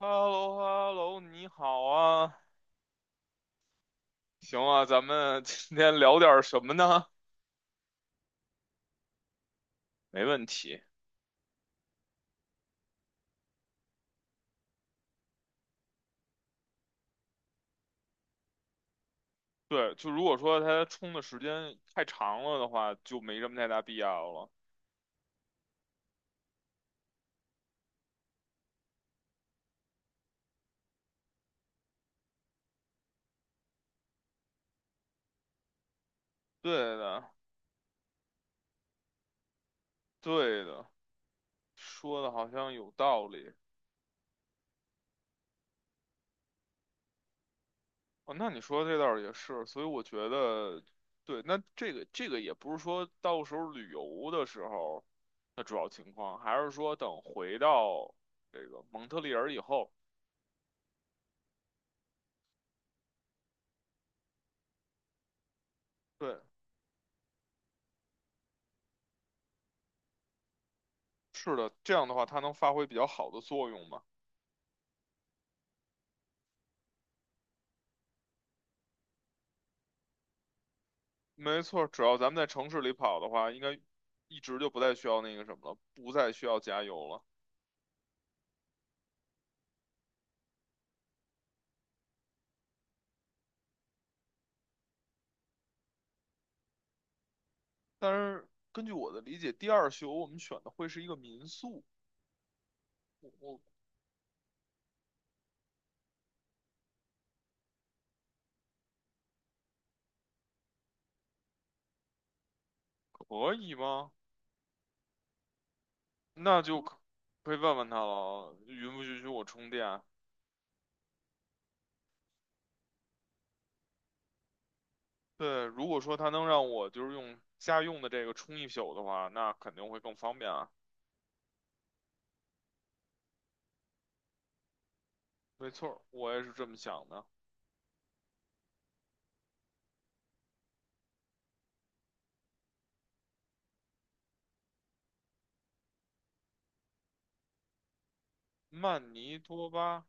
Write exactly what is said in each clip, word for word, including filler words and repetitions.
h e l l o h e l l o 你好啊，行啊，咱们今天聊点儿什么呢？没问题。对，就如果说它充的时间太长了的话，就没什么太大必要了。对的，对的，说的好像有道理。哦，那你说这倒是也是，所以我觉得，对，那这个这个也不是说到时候旅游的时候的主要情况，还是说等回到这个蒙特利尔以后。对，是的，这样的话它能发挥比较好的作用嘛？没错，只要咱们在城市里跑的话，应该一直就不再需要那个什么了，不再需要加油了。但是根据我的理解，第二宿我们选的会是一个民宿，我我可以吗？那就可可以问问他了，允不允许我充电啊？对，如果说他能让我就是用家用的这个充一宿的话，那肯定会更方便啊。没错儿，我也是这么想的。曼尼托巴，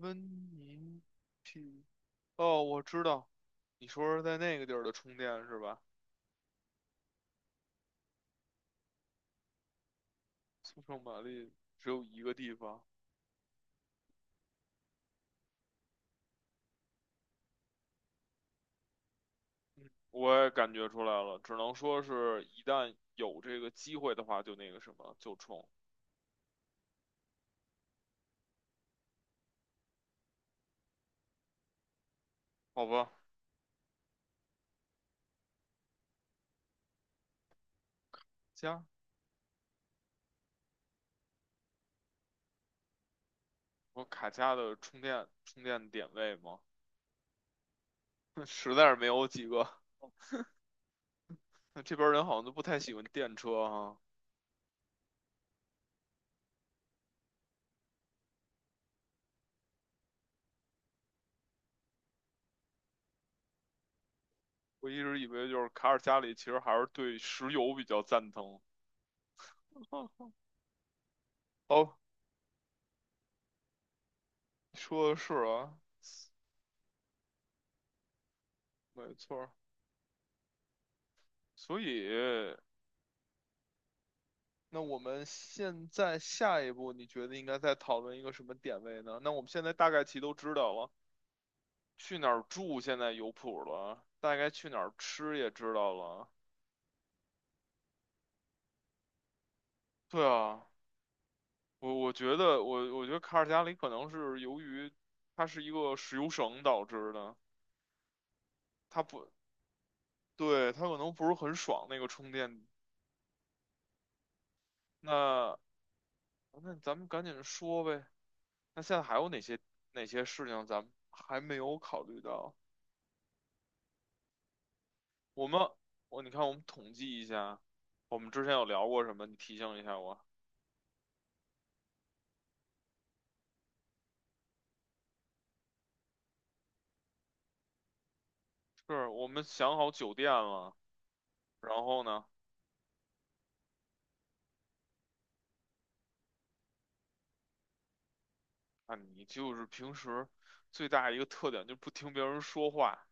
温尼。哦，我知道，你说是在那个地儿的充电是吧？速胜玛丽只有一个地方，我也感觉出来了，只能说是一旦有这个机会的话，就那个什么，就充好吧？家，我卡家的充电充电点位吗？实在是没有几个。那这边人好像都不太喜欢电车哈。我一直以为就是卡尔加里其实还是对石油比较赞同。哦，说的是啊，没错儿。所以那我们现在下一步，你觉得应该再讨论一个什么点位呢？那我们现在大概齐都知道了，去哪儿住现在有谱了，大概去哪儿吃也知道了。对啊，我我觉得我我觉得卡尔加里可能是由于它是一个石油省导致的，它不，对，它可能不是很爽那个充电。那那咱们赶紧说呗。那现在还有哪些哪些事情咱们还没有考虑到？我们，我你看，我们统计一下，我们之前有聊过什么？你提醒一下我。是我们想好酒店了，然后呢，啊，你就是平时最大一个特点就不听别人说话，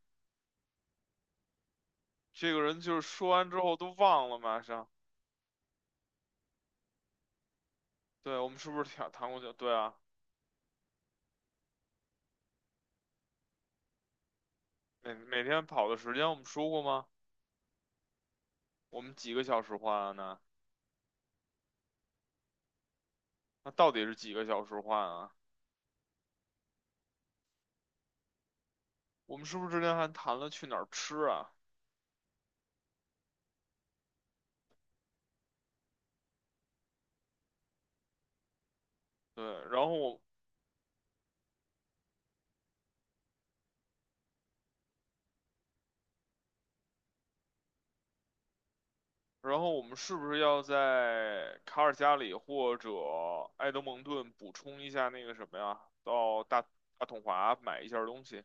这个人就是说完之后都忘了，马上。对，我们是不是谈谈过酒？对啊，每每天跑的时间我们说过吗？我们几个小时换啊呢？那到底是几个小时换啊？我们是不是之前还谈了去哪儿吃啊？对，然后我然后我们是不是要在卡尔加里或者埃德蒙顿补充一下那个什么呀？到大大统华买一下东西。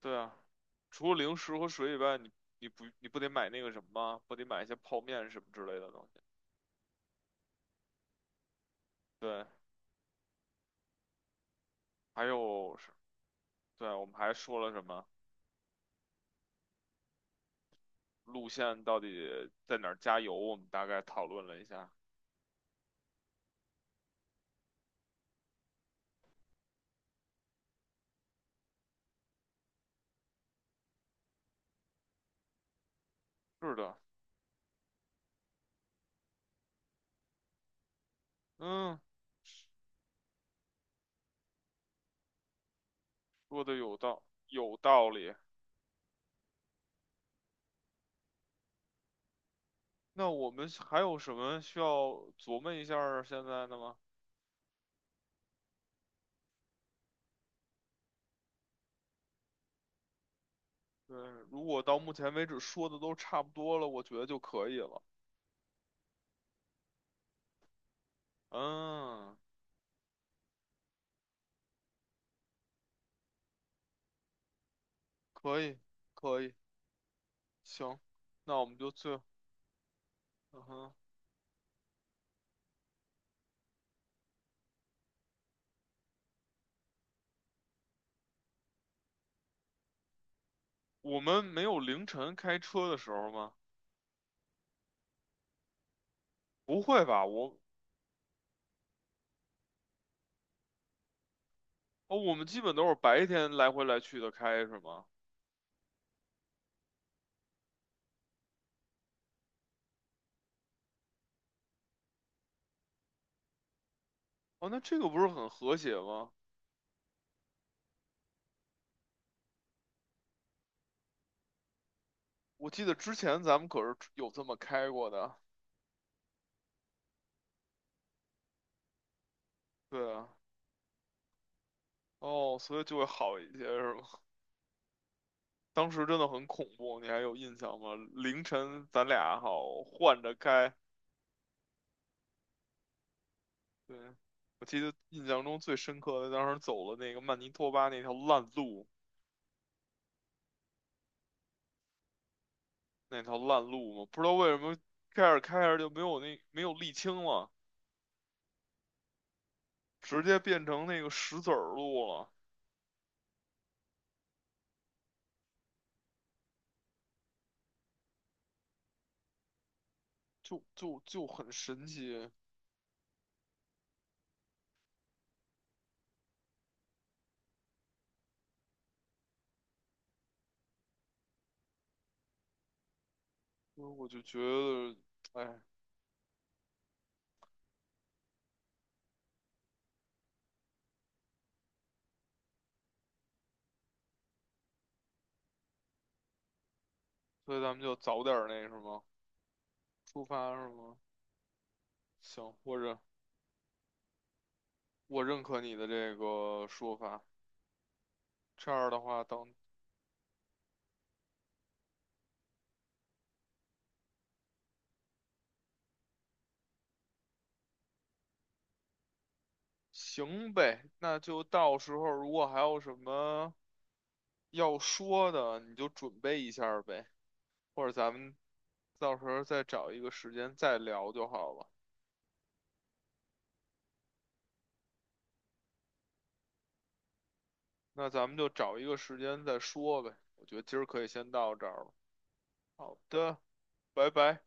对啊，除了零食和水以外，你你不你不得买那个什么吗？不得买一些泡面什么之类的东西。对，还有是，对，我们还说了什么路线到底在哪儿加油？我们大概讨论了一下。是的，嗯，说的有道有道理。那我们还有什么需要琢磨一下儿现在的吗？对，如果到目前为止说的都差不多了，我觉得就可以了。嗯，可以，可以，行，那我们就最，嗯哼，我们没有凌晨开车的时候吗？不会吧，我，哦，我们基本都是白天来回来去的开，是吗？哦，那这个不是很和谐吗？我记得之前咱们可是有这么开过的。对啊，哦，所以就会好一些，是吗？当时真的很恐怖，你还有印象吗？凌晨咱俩好换着开，对，我记得印象中最深刻的，当时走了那个曼尼托巴那条烂路，那条烂路嘛，不知道为什么开着开着就没有那没有沥青了，直接变成那个石子儿路了，就就就很神奇，所以我就觉得，哎，所以咱们就早点儿那什么出发是吗？行，或者我认可你的这个说法。这样的话，等行呗，那就到时候如果还有什么要说的，你就准备一下儿呗，或者咱们到时候再找一个时间再聊就好了。那咱们就找一个时间再说呗。我觉得今儿可以先到这儿了。好的，拜拜。